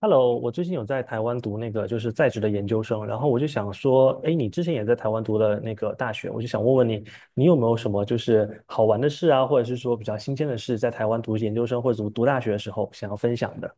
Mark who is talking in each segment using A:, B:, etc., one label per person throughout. A: Hello，我最近有在台湾读那个就是在职的研究生，然后我就想说，哎，你之前也在台湾读了那个大学，我就想问问你，你有没有什么就是好玩的事啊，或者是说比较新鲜的事，在台湾读研究生或者读大学的时候想要分享的？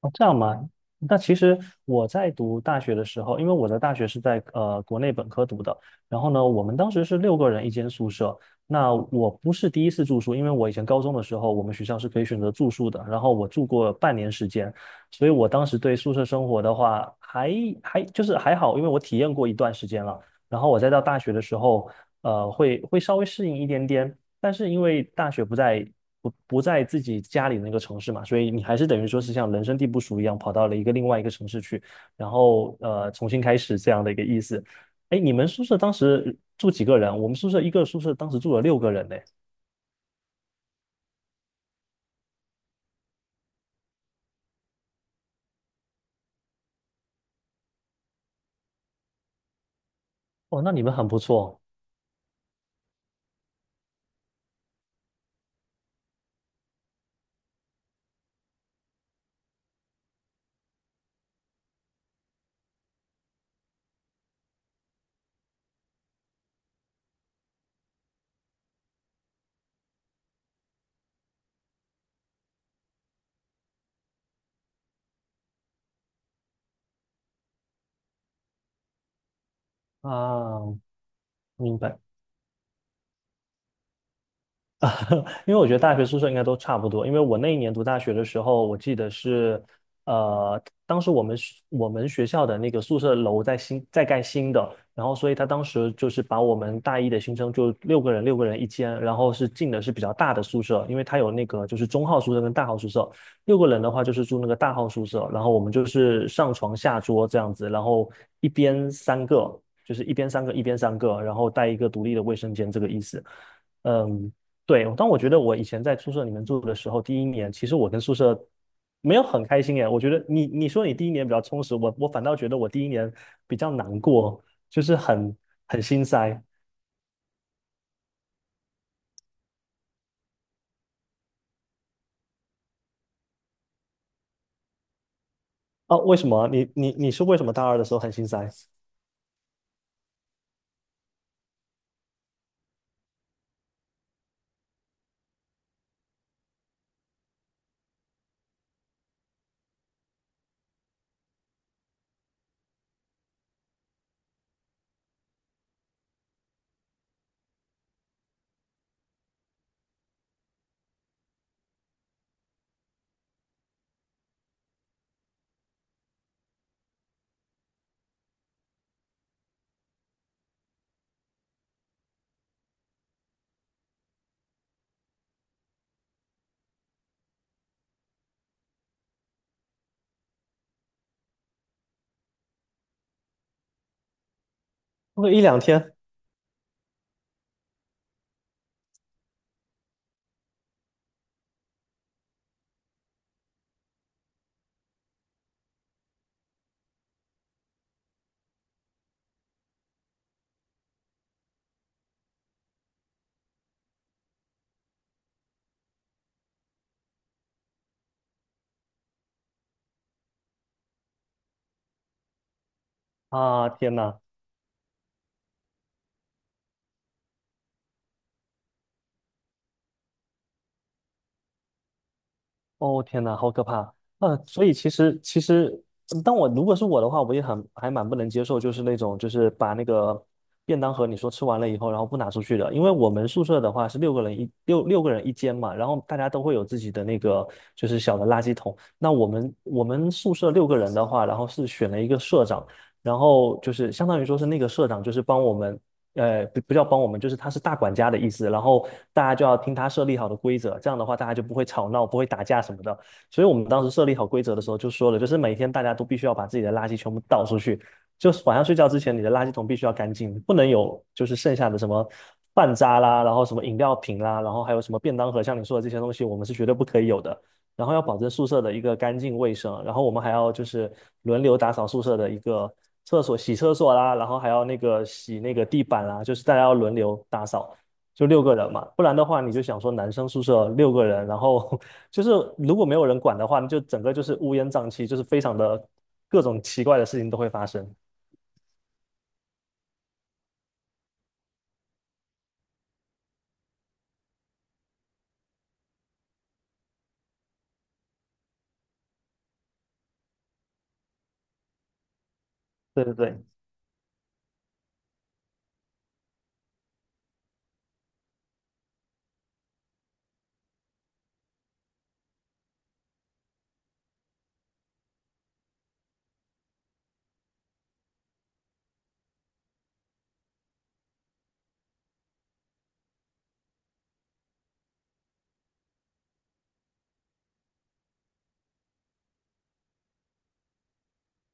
A: 哦，这样吗？那其实我在读大学的时候，因为我的大学是在国内本科读的，然后呢，我们当时是六个人一间宿舍。那我不是第一次住宿，因为我以前高中的时候，我们学校是可以选择住宿的，然后我住过半年时间，所以我当时对宿舍生活的话，还就是还好，因为我体验过一段时间了。然后我再到大学的时候，会稍微适应一点点，但是因为大学不在不在自己家里那个城市嘛，所以你还是等于说是像人生地不熟一样，跑到了一个另外一个城市去，然后重新开始这样的一个意思。哎，你们宿舍当时住几个人？我们宿舍一个宿舍当时住了六个人呢。哦，那你们很不错啊，明白。因为我觉得大学宿舍应该都差不多。因为我那一年读大学的时候，我记得是，呃，当时我们学校的那个宿舍楼在盖新的，然后所以他当时就是把我们大一的新生就六个人一间，然后是进的是比较大的宿舍，因为他有那个就是中号宿舍跟大号宿舍，六个人的话就是住那个大号宿舍，然后我们就是上床下桌这样子，然后一边三个，就是一边三个，然后带一个独立的卫生间这个意思。嗯，对，当我觉得我以前在宿舍里面住的时候，第一年其实我跟宿舍没有很开心耶。我觉得你说你第一年比较充实，我反倒觉得我第一年比较难过，就是很心塞。哦，为什么？你是为什么大二的时候很心塞？过一两天啊，天呐，哦，天哪，好可怕！所以其实,当我如果是我的话，我也很还蛮不能接受，就是那种就是把那个便当盒你说吃完了以后，然后不拿出去的。因为我们宿舍的话是六个人一间嘛，然后大家都会有自己的那个就是小的垃圾桶。那我们宿舍六个人的话，然后是选了一个社长，然后就是相当于说是那个社长就是帮我们呃，不不叫帮我们，就是他是大管家的意思，然后大家就要听他设立好的规则，这样的话大家就不会吵闹，不会打架什么的。所以我们当时设立好规则的时候就说了，就是每天大家都必须要把自己的垃圾全部倒出去，就是晚上睡觉之前你的垃圾桶必须要干净，不能有就是剩下的什么饭渣啦，然后什么饮料瓶啦，然后还有什么便当盒，像你说的这些东西，我们是绝对不可以有的。然后要保证宿舍的一个干净卫生，然后我们还要就是轮流打扫宿舍的一个厕所，洗厕所啦，然后还要那个洗那个地板啦，就是大家要轮流打扫，就六个人嘛，不然的话你就想说男生宿舍六个人，然后 就是如果没有人管的话，你就整个就是乌烟瘴气，就是非常的各种奇怪的事情都会发生。对对对。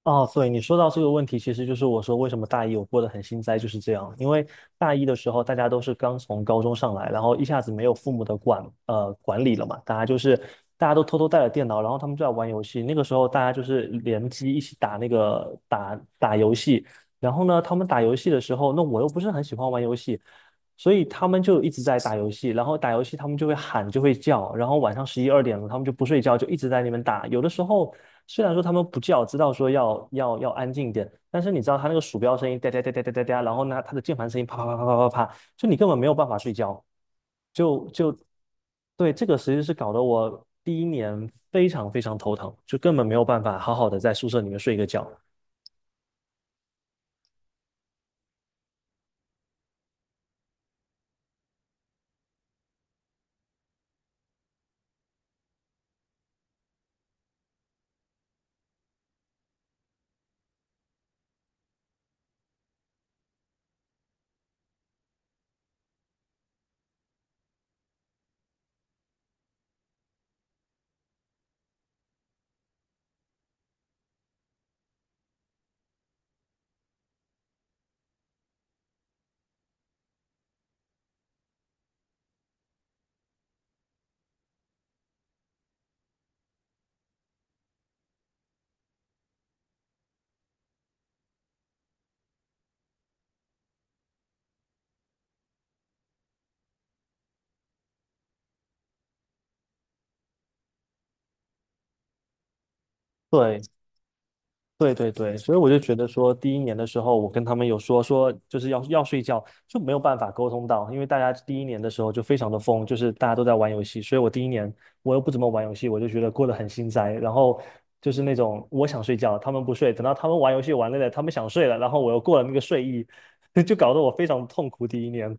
A: 哦，对，你说到这个问题，其实就是我说为什么大一我过得很心塞，就是这样。因为大一的时候，大家都是刚从高中上来，然后一下子没有父母的管理了嘛，大家都偷偷带了电脑，然后他们就在玩游戏。那个时候大家就是联机一起打打游戏，然后呢，他们打游戏的时候，那我又不是很喜欢玩游戏，所以他们就一直在打游戏，然后打游戏他们就会喊，就会叫，然后晚上十一二点了，他们就不睡觉，就一直在那边打。有的时候虽然说他们不叫，知道说要安静一点，但是你知道他那个鼠标声音哒哒哒哒哒哒哒，然后呢他的键盘声音啪啪啪啪啪啪啪，就你根本没有办法睡觉，就就对这个其实是搞得我第一年非常非常头疼，就根本没有办法好好的在宿舍里面睡一个觉。对，对对对，所以我就觉得说，第一年的时候，我跟他们有说，就是睡觉，就没有办法沟通到，因为大家第一年的时候就非常的疯，就是大家都在玩游戏，所以我第一年又不怎么玩游戏，我就觉得过得很心塞。然后就是那种我想睡觉，他们不睡，等到他们玩游戏玩累了，他们想睡了，然后我又过了那个睡意，就搞得我非常痛苦。第一年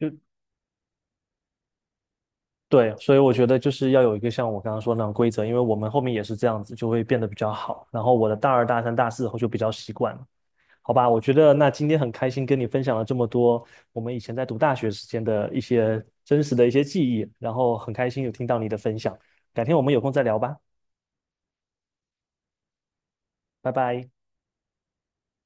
A: 就对，所以我觉得就是要有一个像我刚刚说的那种规则，因为我们后面也是这样子，就会变得比较好。然后我的大二、大三、大四后就比较习惯。了。好吧，我觉得那今天很开心跟你分享了这么多我们以前在读大学时间的一些真实的一些记忆，然后很开心有听到你的分享，改天我们有空再聊吧，拜拜。